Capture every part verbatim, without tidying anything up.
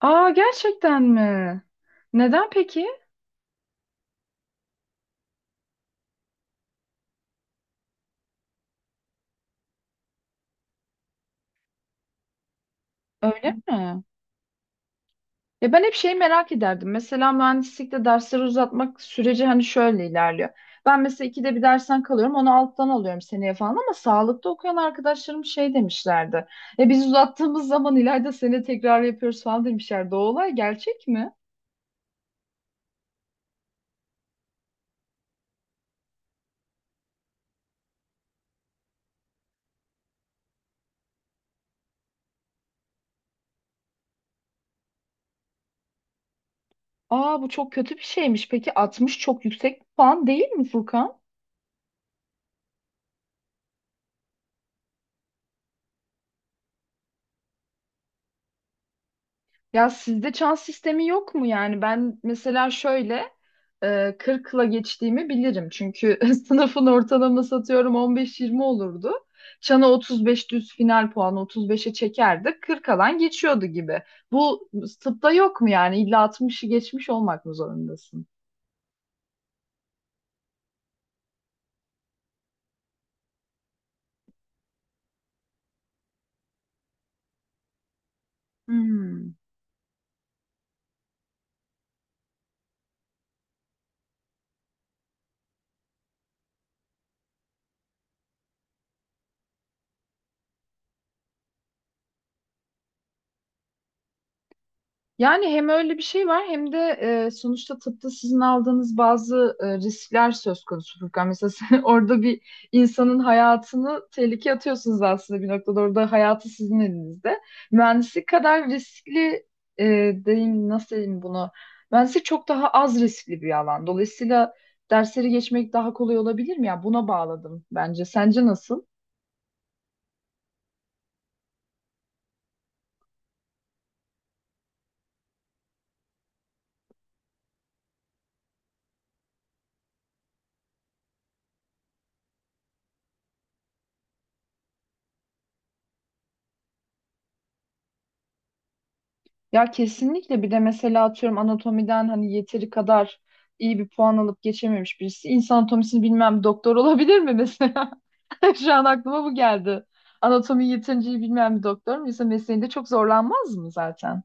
Aa gerçekten mi? Neden peki? Öyle mi? Ya ben hep şeyi merak ederdim. Mesela mühendislikte dersleri uzatmak süreci hani şöyle ilerliyor. Ben mesela ikide bir dersten kalıyorum, onu alttan alıyorum seneye falan ama sağlıkta okuyan arkadaşlarım şey demişlerdi. Ya biz uzattığımız zaman ileride sene tekrar yapıyoruz falan demişlerdi. O olay gerçek mi? Aa, bu çok kötü bir şeymiş. Peki altmış çok yüksek bir puan değil mi, Furkan? Ya sizde çan sistemi yok mu yani? Ben mesela şöyle e, kırkla geçtiğimi bilirim. Çünkü sınıfın ortalaması atıyorum on beş yirmi olurdu. Çana otuz beş düz final puanı otuz beşe çekerdi. kırk alan geçiyordu gibi. Bu tıpta yok mu yani? İlla altmışı geçmiş olmak mı zorundasın? Hmm. Yani hem öyle bir şey var hem de e, sonuçta tıpta sizin aldığınız bazı e, riskler söz konusu, Furkan. Mesela sen orada bir insanın hayatını tehlikeye atıyorsunuz aslında bir noktada. Orada hayatı sizin elinizde. Mühendislik kadar riskli e, diyeyim, nasıl diyeyim bunu? Mühendislik çok daha az riskli bir alan. Dolayısıyla dersleri geçmek daha kolay olabilir mi? Ya buna bağladım bence. Sence nasıl? Ya kesinlikle, bir de mesela atıyorum anatomiden hani yeteri kadar iyi bir puan alıp geçememiş birisi. İnsan anatomisini bilmem, doktor olabilir mi mesela? Şu an aklıma bu geldi. Anatomiyi yeterince iyi bilmeyen bir doktor mu? Mesela mesleğinde çok zorlanmaz mı zaten?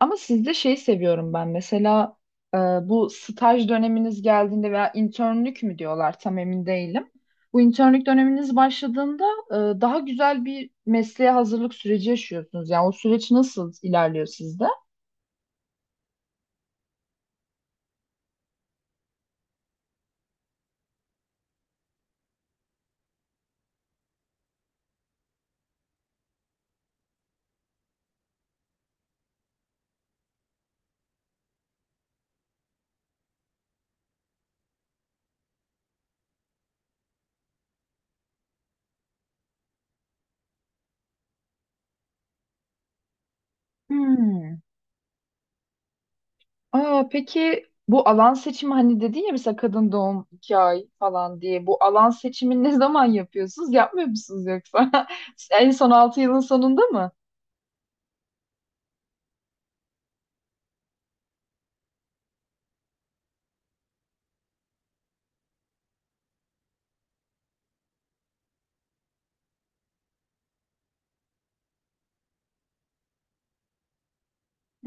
Ama sizde şeyi seviyorum ben. Mesela e, bu staj döneminiz geldiğinde veya internlük mü diyorlar, tam emin değilim. Bu internlük döneminiz başladığında e, daha güzel bir mesleğe hazırlık süreci yaşıyorsunuz. Yani o süreç nasıl ilerliyor sizde? Hmm. Aa, peki bu alan seçimi, hani dedin ya mesela kadın doğum iki ay falan diye, bu alan seçimini ne zaman yapıyorsunuz? Yapmıyor musunuz yoksa? En son altı yılın sonunda mı?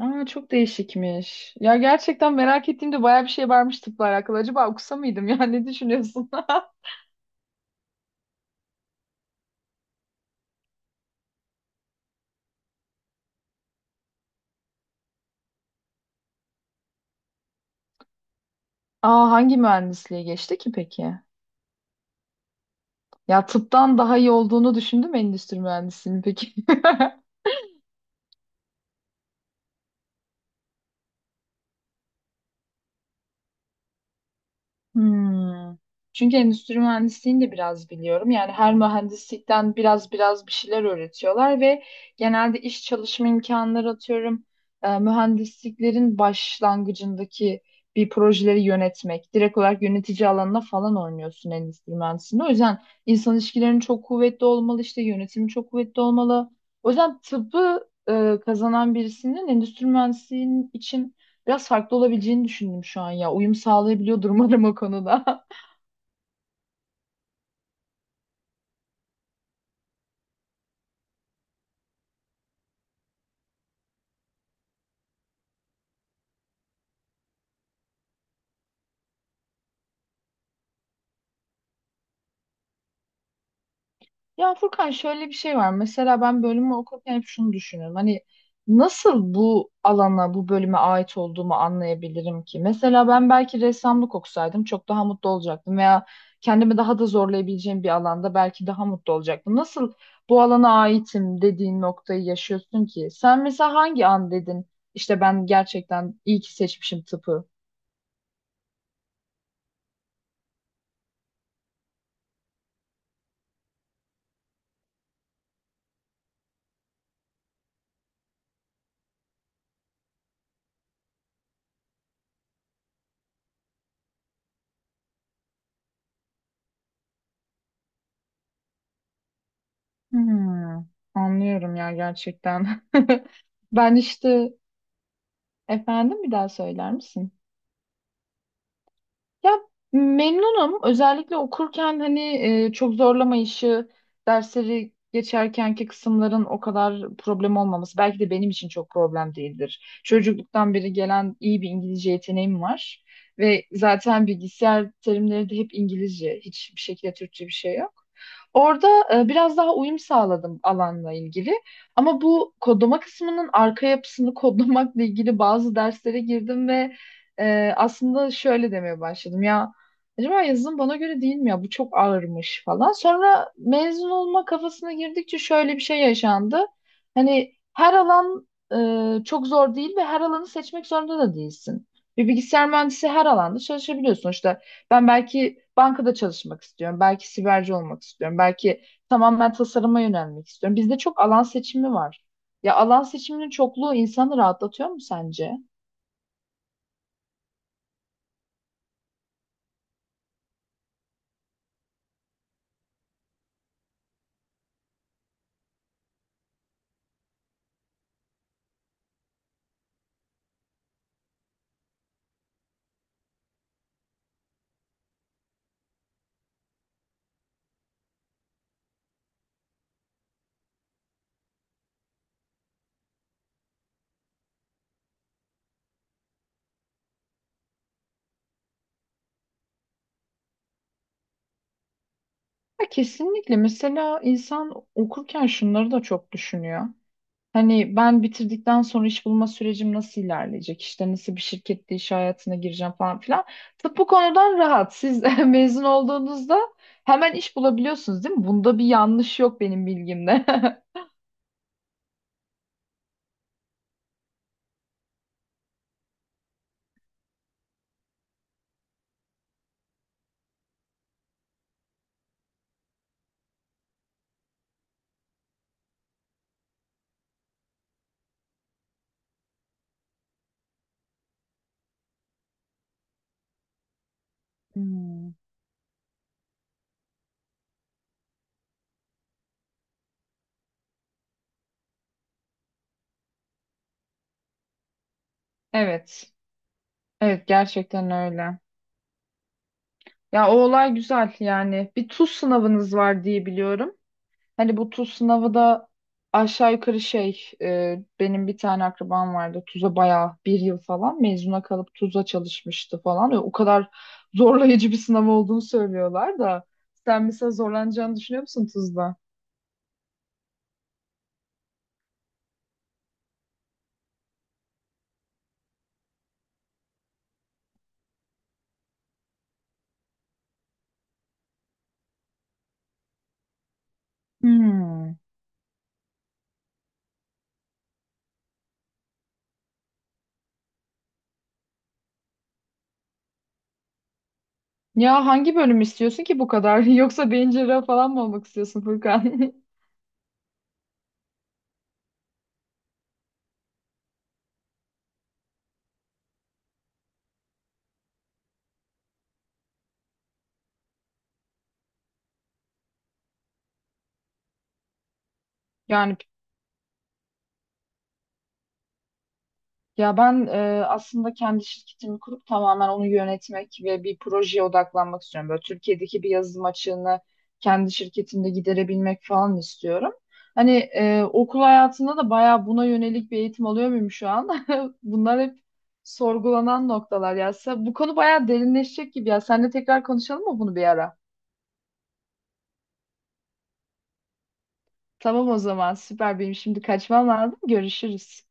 Aa, çok değişikmiş. Ya gerçekten merak ettiğimde bayağı bir şey varmış tıpla alakalı. Acaba okusa mıydım ya, ne düşünüyorsun? Aa, hangi mühendisliğe geçti ki peki? Ya tıptan daha iyi olduğunu düşündüm endüstri mühendisliğini peki. Hmm. Çünkü endüstri mühendisliğini de biraz biliyorum. Yani her mühendislikten biraz biraz bir şeyler öğretiyorlar ve genelde iş çalışma imkanları atıyorum. E, mühendisliklerin başlangıcındaki bir projeleri yönetmek, direkt olarak yönetici alanına falan oynuyorsun endüstri mühendisliğinde. O yüzden insan ilişkilerinin çok kuvvetli olmalı, işte yönetimi çok kuvvetli olmalı. O yüzden tıbbı e, kazanan birisinin endüstri mühendisliğinin için biraz farklı olabileceğini düşündüm şu an ya. Uyum sağlayabiliyordur umarım o konuda. Ya Furkan, şöyle bir şey var. Mesela ben bölümü okurken hep şunu düşünüyorum. Hani nasıl bu alana, bu bölüme ait olduğumu anlayabilirim ki? Mesela ben belki ressamlık okusaydım çok daha mutlu olacaktım veya kendimi daha da zorlayabileceğim bir alanda belki daha mutlu olacaktım. Nasıl bu alana aitim dediğin noktayı yaşıyorsun ki? Sen mesela hangi an dedin, işte ben gerçekten iyi ki seçmişim tıpı? Hmm, anlıyorum ya gerçekten. Ben işte, efendim, bir daha söyler misin? Ya memnunum. Özellikle okurken hani e, çok zorlamayışı, dersleri geçerkenki kısımların o kadar problem olmaması. Belki de benim için çok problem değildir. Çocukluktan beri gelen iyi bir İngilizce yeteneğim var. Ve zaten bilgisayar terimleri de hep İngilizce. Hiçbir şekilde Türkçe bir şey yok. Orada e, biraz daha uyum sağladım alanla ilgili. Ama bu kodlama kısmının arka yapısını kodlamakla ilgili bazı derslere girdim ve ee, aslında şöyle demeye başladım ya, acaba yazılım bana göre değil mi ya, bu çok ağırmış falan. Sonra mezun olma kafasına girdikçe şöyle bir şey yaşandı. Hani her alan e, çok zor değil ve her alanı seçmek zorunda da değilsin. Bir bilgisayar mühendisi her alanda çalışabiliyor sonuçta. Ben belki bankada çalışmak istiyorum, belki siberci olmak istiyorum, belki tamamen tasarıma yönelmek istiyorum. Bizde çok alan seçimi var. Ya alan seçiminin çokluğu insanı rahatlatıyor mu sence? Ya kesinlikle. Mesela insan okurken şunları da çok düşünüyor. Hani ben bitirdikten sonra iş bulma sürecim nasıl ilerleyecek? İşte nasıl bir şirkette iş hayatına gireceğim falan filan. Tıp bu konudan rahat. Siz mezun olduğunuzda hemen iş bulabiliyorsunuz değil mi? Bunda bir yanlış yok benim bilgimde. Hmm. Evet. Evet, gerçekten öyle. Ya o olay güzel yani. Bir tuz sınavınız var diye biliyorum. Hani bu tuz sınavı da aşağı yukarı şey, e, benim bir tane akrabam vardı, tuza bayağı bir yıl falan mezuna kalıp tuza çalışmıştı falan. O kadar zorlayıcı bir sınav olduğunu söylüyorlar da sen mesela zorlanacağını düşünüyor musun tuzda? Hmm. Ya hangi bölüm istiyorsun ki bu kadar? Yoksa beyin cerrahı falan mı olmak istiyorsun, Furkan? Yani, ya ben, e, aslında kendi şirketimi kurup tamamen onu yönetmek ve bir projeye odaklanmak istiyorum. Böyle Türkiye'deki bir yazılım açığını kendi şirketimde giderebilmek falan istiyorum. Hani e, okul hayatında da bayağı buna yönelik bir eğitim alıyor muyum şu an? Bunlar hep sorgulanan noktalar ya. Sen- Bu konu bayağı derinleşecek gibi ya. Seninle tekrar konuşalım mı bunu bir ara? Tamam, o zaman süper, benim şimdi kaçmam lazım. Görüşürüz.